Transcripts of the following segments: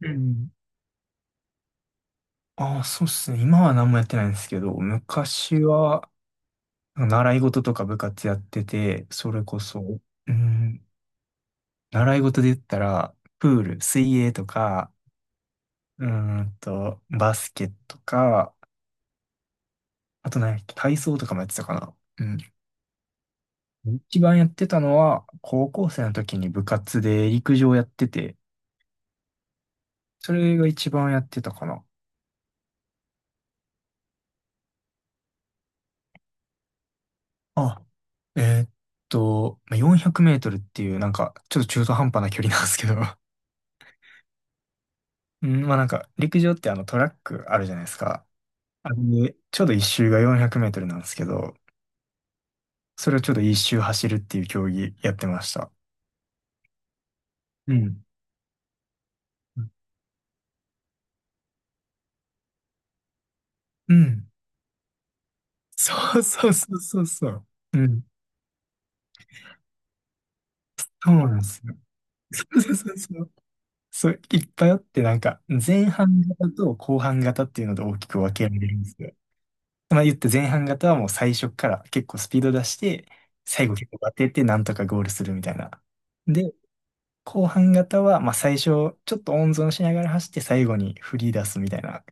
うん。ああ、そうっすね。今は何もやってないんですけど、昔は、習い事とか部活やってて、それこそ、うん、習い事で言ったら、プール、水泳とか、バスケとか、あと何やっけ、体操とかもやってたかな。うん。一番やってたのは、高校生の時に部活で陸上やってて、それが一番やってたかな。あ、えーっまあ400メートルっていう、なんか、ちょっと中途半端な距離なんですけど。うん、まあなんか、陸上ってあのトラックあるじゃないですか。あれで、ちょうど一周が400メートルなんですけど、それをちょうど一周走るっていう競技やってました。うん。うん。そうそうそうそうそう。うん。そうなんですよ。そうそうそうそう。そう、いっぱいあって、なんか、前半型と後半型っていうので大きく分けられるんですよ。まあ言って前半型はもう最初から結構スピード出して、最後結構当ててなんとかゴールするみたいな。で、後半型は、まあ、最初、ちょっと温存しながら走って最後に振り出すみたいな。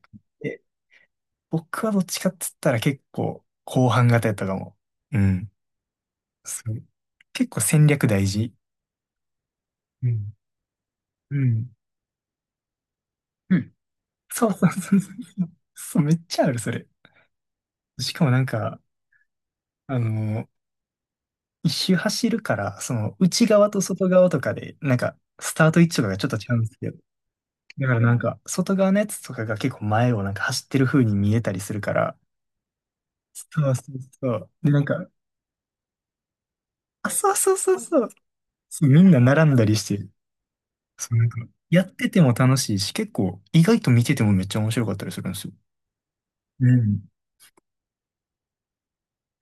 で、僕はどっちかっつったら結構後半型やったかも。うん。すごい結構戦略大事。うん。うん。うん、そうそうそうそう。そう、めっちゃある、それ。しかもなんか、あの、一周走るから、その内側と外側とかで、なんか、スタート位置とかがちょっと違うんですけど。だからなんか、外側のやつとかが結構前をなんか走ってる風に見えたりするから、そうそうそう。で、なんか、あ、そうそうそうそう。そう、みんな並んだりして、そう、なんか、やってても楽しいし、結構、意外と見ててもめっちゃ面白かったりするんですよ。うん。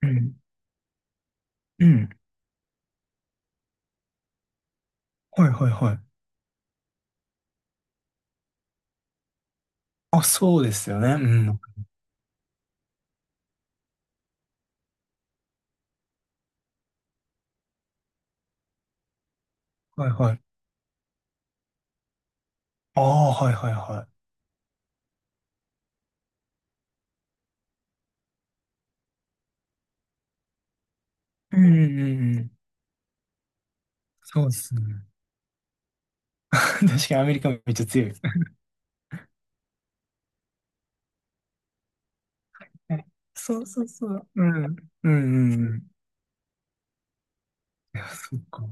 うん。うん。はいはいはい。あ、そうですよね。うん。はいはい。ああ、はいはいはい。うんうんうん。そうですね。確かにアメリカめっちゃ強い。そうそうそう。うん。うんうんうん。いや、そっか。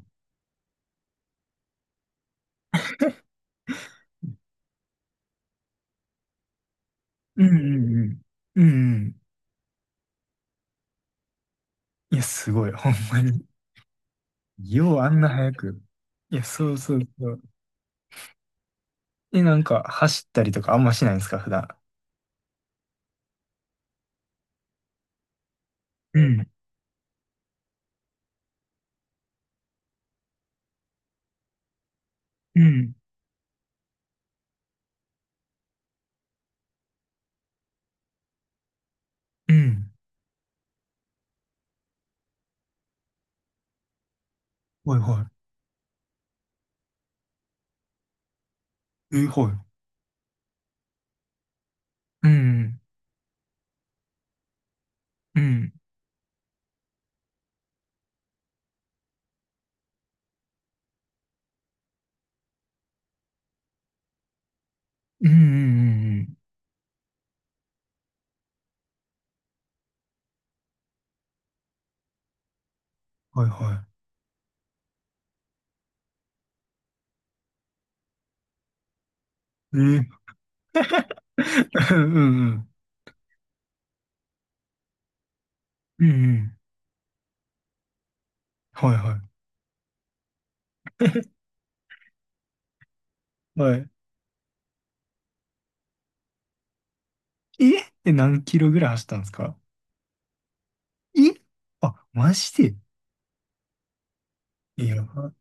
うんうんうん。うんうん。いや、すごい。ほんまに。ようあんな早く。いや、そうそうそう。え、なんか、走ったりとかあんましないんですか、普段。うん、うん、うん。はいはい。え、はい。うん、うん、うん、うん、うん。うん。はいはい。え、うんうん。うん、うん。はいはいはい。えって何キロぐらい走ったんですか？え、あ、マジで。いやば、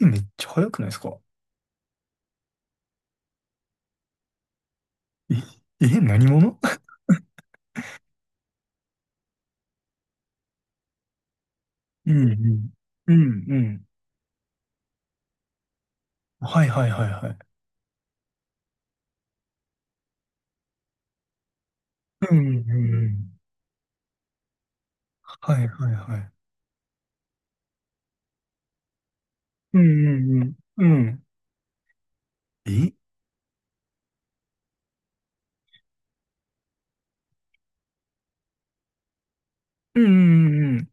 え、めっちゃ速くないですか？え、え、何者。うんうん。うんうん。はいはいはいはい。うんうんうん。はいはいはい。うんうんうん。うん。え、うんうん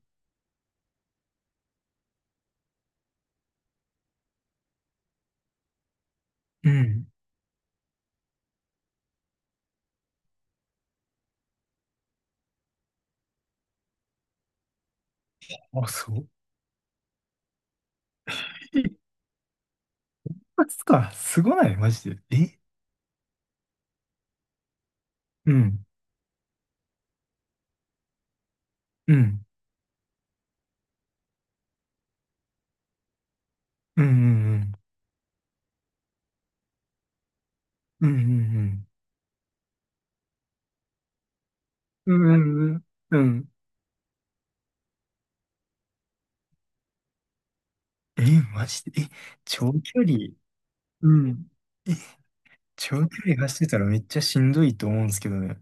うんうん。あ、そう。え、一発か。すごないマジで。え、うん。うん。うんうんうん。うんうんうん。うんうんうん。え、マジで。え、長距離、うん。え、長距離走ってたらめっちゃしんどいと思うんですけどね。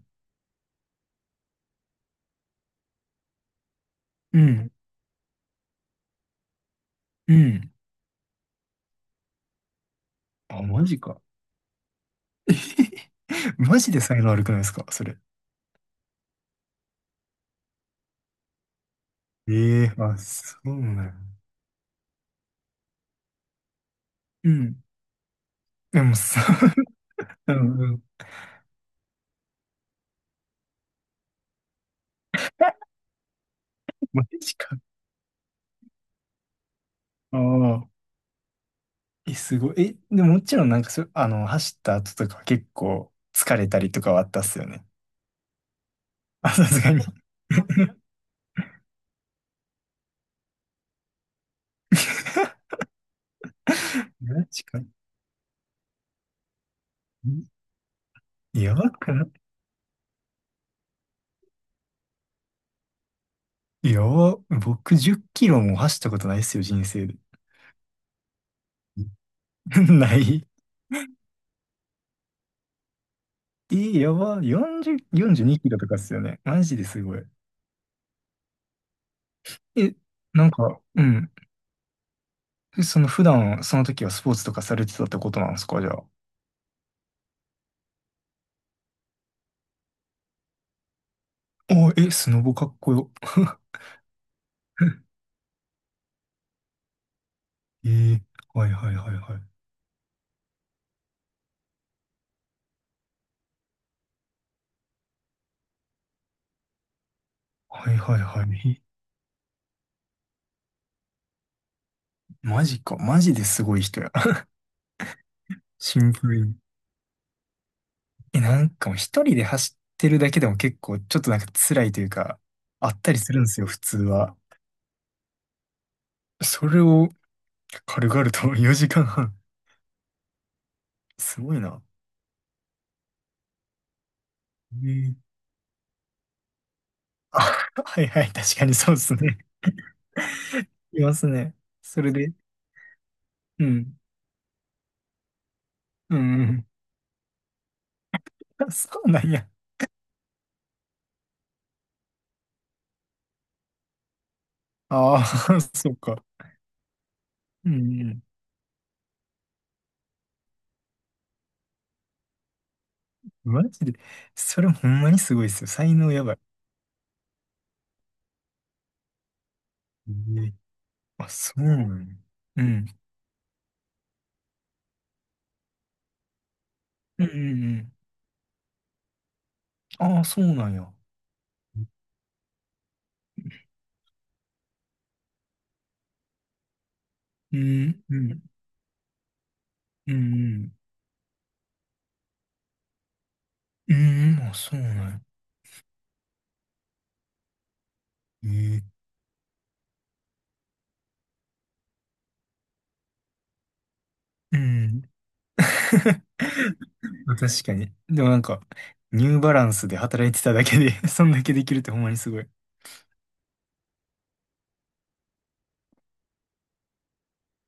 うん。うん。あ、マジか。え マジで才能悪くないですかそれ。ええ、あ、そうなの？うん。でもさ、うん。マジか。ああ。え、すごい。え、でももちろんなんかあの、走った後とかは結構疲れたりとかはあったっすよね。あ、さすがに。マジか。やばくない。やば。僕10キロも走ったことないっすよ、人生で。ない。え、やば。40、42キロとかっすよね。マジですごい。え、なんか、うん。その普段、その時はスポーツとかされてたってことなんですか、じゃあ。お、え、スノボかっこよ。ええ、はいはいはいはい。はいはいはい。え、マジか。マジですごい人や。シンプルに。え、なんかもう一人で走ってるだけでも結構ちょっとなんか辛いというか、あったりするんですよ、普通は。それを軽々と 4時間半。すごいな。えー、あ、はいはい、確かにそうですね。いますね。それで、うん、うん、うん。あ、そうなんや。ああ、そうか。うん、うん。マジで、それほんまにすごいですよ。才能やばい。えー、あ、そうなんや。うん。うんうんうん。ああ、そうなんや。うん、うん、うん、うん、うん。あ、そうなんや。ええ、うん。確かに。でもなんか、ニューバランスで働いてただけで そんだけできるってほんまにすごい。